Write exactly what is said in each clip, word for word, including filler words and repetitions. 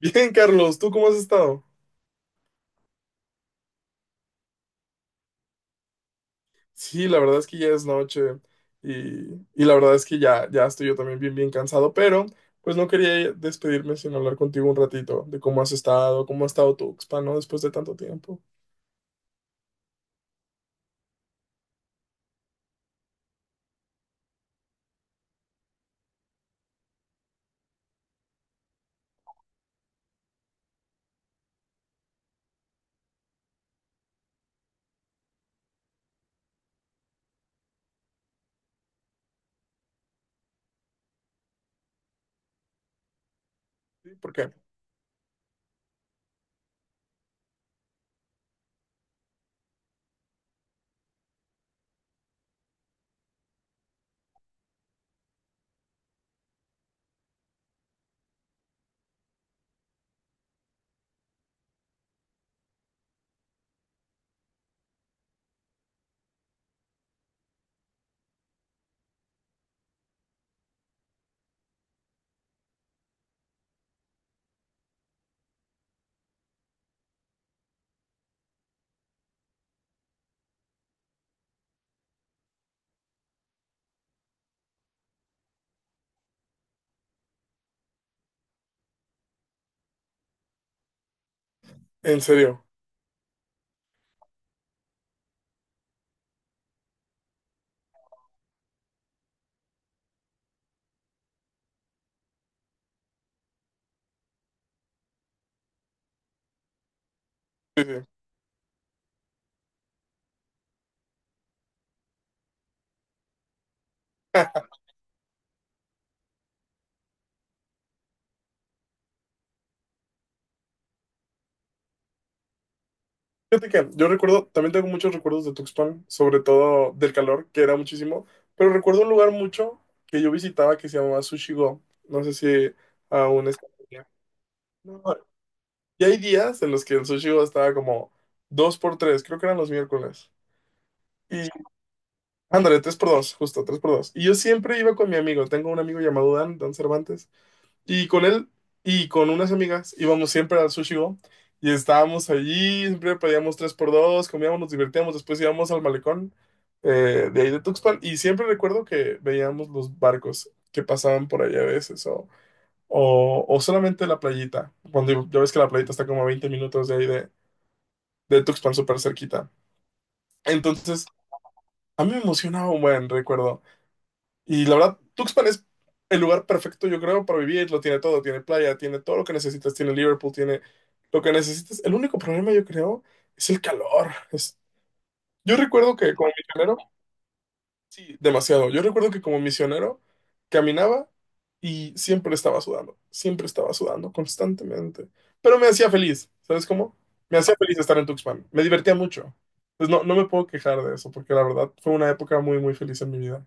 Bien, Carlos, ¿tú cómo has estado? Sí, la verdad es que ya es noche y, y la verdad es que ya, ya estoy yo también bien, bien cansado, pero pues no quería despedirme sin hablar contigo un ratito de cómo has estado, cómo ha estado tu expa, ¿no? Después de tanto tiempo. Sí, ¿por qué? En serio. Sí, sí. Ah, fíjate que yo recuerdo, también tengo muchos recuerdos de Tuxpan, sobre todo del calor, que era muchísimo, pero recuerdo un lugar mucho que yo visitaba que se llamaba Sushigo. No sé si aún está allá. No, y hay días en los que el sushi estaba como dos por tres, creo que eran los miércoles. Y ándale, tres por dos, justo, tres por dos. Y yo siempre iba con mi amigo, tengo un amigo llamado Dan, Dan Cervantes, y con él y con unas amigas íbamos siempre al Sushi Go, y estábamos allí, siempre pedíamos tres por dos, comíamos, nos divertíamos, después íbamos al malecón eh, de ahí de Tuxpan y siempre recuerdo que veíamos los barcos que pasaban por allá a veces o, o, o solamente la playita, cuando ya ves que la playita está como a veinte minutos de ahí de de Tuxpan súper cerquita. Entonces, a mí me emocionaba un buen recuerdo. Y la verdad, Tuxpan es el lugar perfecto, yo creo, para vivir. Lo tiene todo. Tiene playa, tiene todo lo que necesitas. Tiene Liverpool, tiene lo que necesitas. El único problema, yo creo, es el calor. Es- Yo recuerdo que como misionero. Sí, demasiado. Yo recuerdo que como misionero caminaba y siempre estaba sudando, siempre estaba sudando constantemente, pero me hacía feliz, ¿sabes cómo? Me hacía feliz estar en Tuxpan, me divertía mucho. Pues no, no me puedo quejar de eso, porque la verdad fue una época muy, muy feliz en mi vida.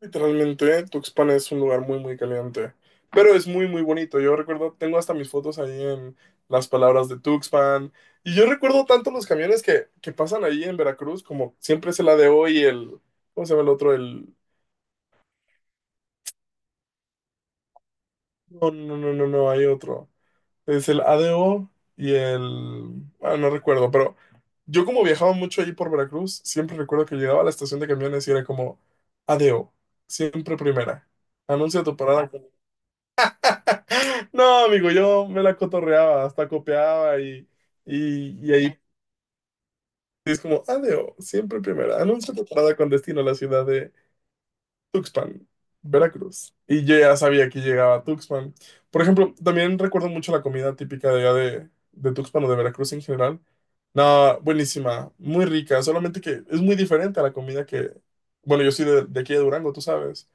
Literalmente, Tuxpan es un lugar muy, muy caliente, pero es muy, muy bonito. Yo recuerdo, tengo hasta mis fotos ahí en las palabras de Tuxpan, y yo recuerdo tanto los camiones que, que pasan ahí en Veracruz, como siempre es el A D O y el, ¿cómo se llama el otro? El, no, no, no, no, no, hay otro. Es el A D O y el, ah, no recuerdo, pero yo como viajaba mucho ahí por Veracruz, siempre recuerdo que llegaba a la estación de camiones y era como A D O, siempre primera, anuncia tu parada. No, amigo, yo me la cotorreaba, hasta copiaba y, y, y ahí es como, adeo, siempre primera. Anuncio de parada con destino a la ciudad de Tuxpan, Veracruz. Y yo ya sabía que llegaba a Tuxpan. Por ejemplo, también recuerdo mucho la comida típica de allá de, de Tuxpan o de Veracruz en general. No, buenísima, muy rica, solamente que es muy diferente a la comida que, bueno, yo soy de, de aquí de Durango, tú sabes.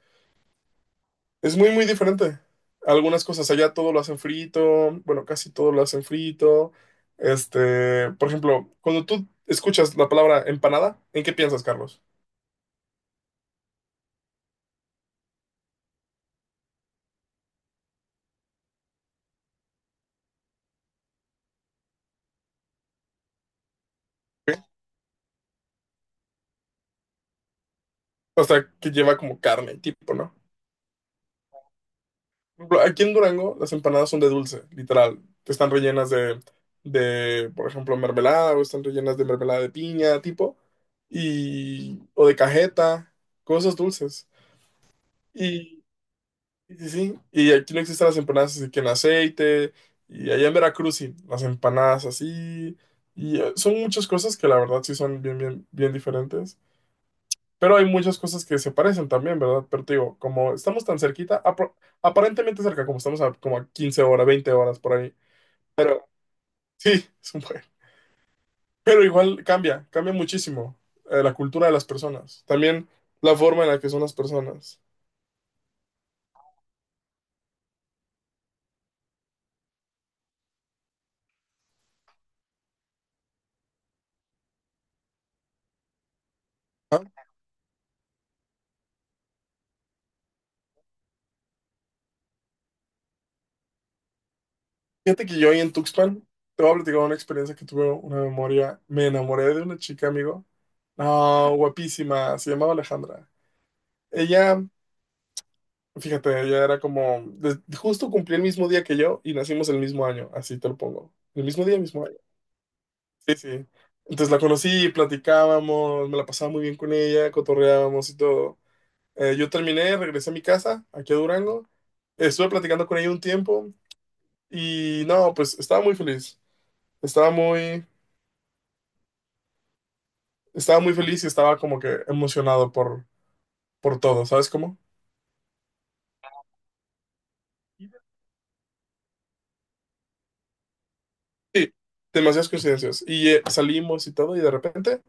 Es muy, muy diferente. Algunas cosas allá todo lo hacen frito, bueno, casi todo lo hacen frito. Este, por ejemplo, cuando tú escuchas la palabra empanada, ¿en qué piensas, Carlos? ¿Qué? O sea, que lleva como carne, tipo, ¿no? Por ejemplo, aquí en Durango las empanadas son de dulce, literal. Están rellenas de, de, por ejemplo, mermelada o están rellenas de mermelada de piña, tipo, y, o de cajeta, cosas dulces. y Sí, sí, sí. Y aquí no existen las empanadas así que en aceite. Y allá en Veracruz sí, las empanadas así. Y eh, son muchas cosas que la verdad sí son bien, bien, bien diferentes. Pero hay muchas cosas que se parecen también, ¿verdad? Pero te digo, como estamos tan cerquita, apro- aparentemente cerca, como estamos a como a quince horas, veinte horas por ahí. Pero sí, es un buen. Pero igual cambia, cambia muchísimo eh, la cultura de las personas. También la forma en la que son las personas. Fíjate que yo ahí en Tuxpan, te voy a platicar una experiencia que tuve, una memoria. Me enamoré de una chica, amigo. No, guapísima, se llamaba Alejandra. Ella, fíjate, ella era como, de- justo cumplí el mismo día que yo y nacimos el mismo año, así te lo pongo. El mismo día, mismo año. Sí, sí. Entonces la conocí, platicábamos, me la pasaba muy bien con ella, cotorreábamos y todo. Eh, yo terminé, regresé a mi casa, aquí a Durango. Estuve platicando con ella un tiempo y no, pues estaba muy feliz. Estaba muy, estaba muy feliz y estaba como que emocionado por, por todo, ¿sabes cómo? Sí, demasiadas coincidencias. Y eh, salimos y todo, y de repente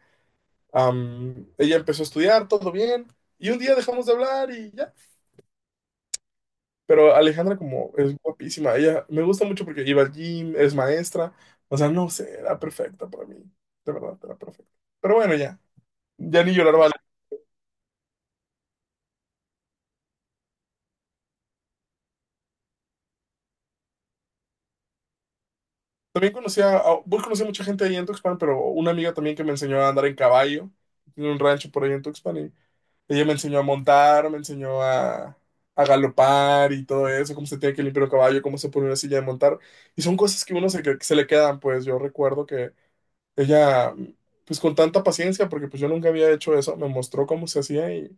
am, ella empezó a estudiar, todo bien, y un día dejamos de hablar y ya. Pero Alejandra como es guapísima, ella me gusta mucho porque iba al gym, es maestra, o sea, no sé, era perfecta para mí, de verdad, era perfecta. Pero bueno, ya, ya ni llorar vale. También conocía, a, vos conocí a mucha gente ahí en Tuxpan, pero una amiga también que me enseñó a andar en caballo, en un rancho por ahí en Tuxpan, y ella me enseñó a montar, me enseñó a, a galopar y todo eso, cómo se tiene que limpiar un caballo, cómo se pone una silla de montar. Y son cosas que uno se, que se le quedan, pues yo recuerdo que ella, pues con tanta paciencia, porque pues yo nunca había hecho eso, me mostró cómo se hacía y,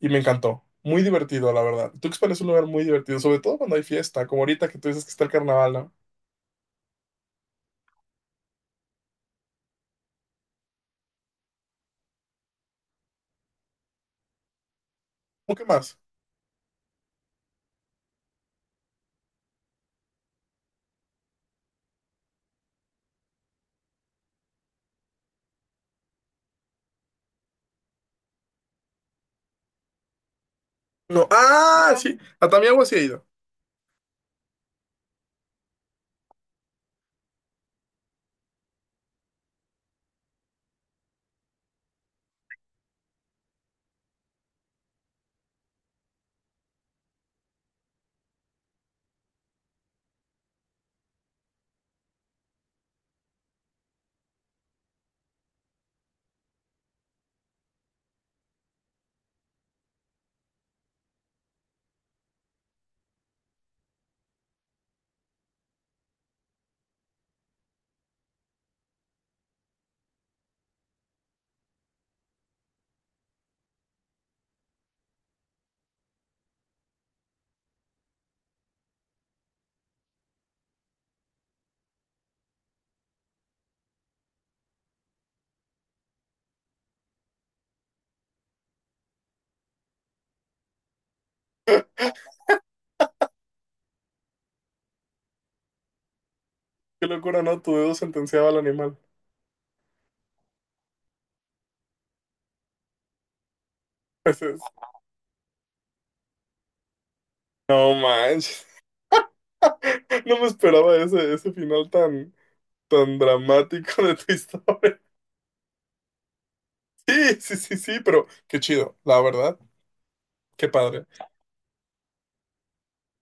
y me encantó. Muy divertido, la verdad. Tuxpan es un lugar muy divertido, sobre todo cuando hay fiesta, como ahorita que tú dices que está el carnaval, ¿no? ¿O qué más? No, ah, sí, a Tamiagua sí he ido. Qué locura, ¿no? Tu dedo sentenciaba al animal. No manches. No me esperaba ese, ese final tan, tan dramático de tu historia. Sí, sí, sí, sí, pero qué chido, la verdad. Qué padre.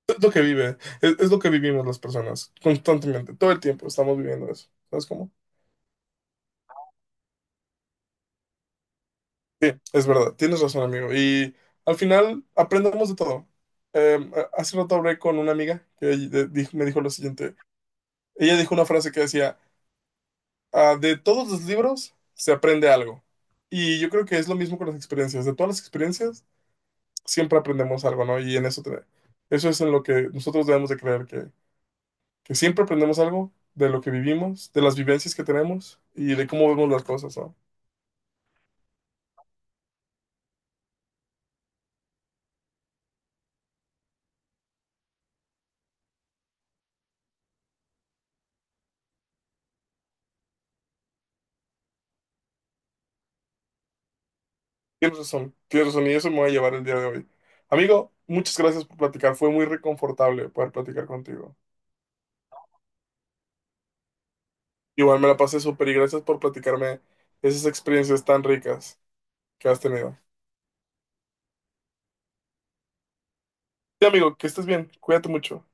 Es lo que vive, es, es lo que vivimos las personas constantemente, todo el tiempo estamos viviendo eso. ¿Sabes cómo? Sí, es verdad, tienes razón, amigo. Y al final aprendemos de todo. Em, hace rato hablé con una amiga que de- dijo- me dijo lo siguiente. Ella dijo una frase que decía, "Ah, de todos los libros se aprende algo. Y yo creo que es lo mismo con las experiencias. De todas las experiencias siempre aprendemos algo, ¿no? Y en eso, te- eso es en lo que nosotros debemos de creer, que, que siempre aprendemos algo de lo que vivimos, de las vivencias que tenemos y de cómo vemos las cosas, ¿no? Tienes razón, tienes razón, y eso me va a llevar el día de hoy. Amigo, muchas gracias por platicar, fue muy reconfortable poder platicar contigo. Igual me la pasé súper y gracias por platicarme esas experiencias tan ricas que has tenido. Sí, amigo, que estés bien, cuídate mucho.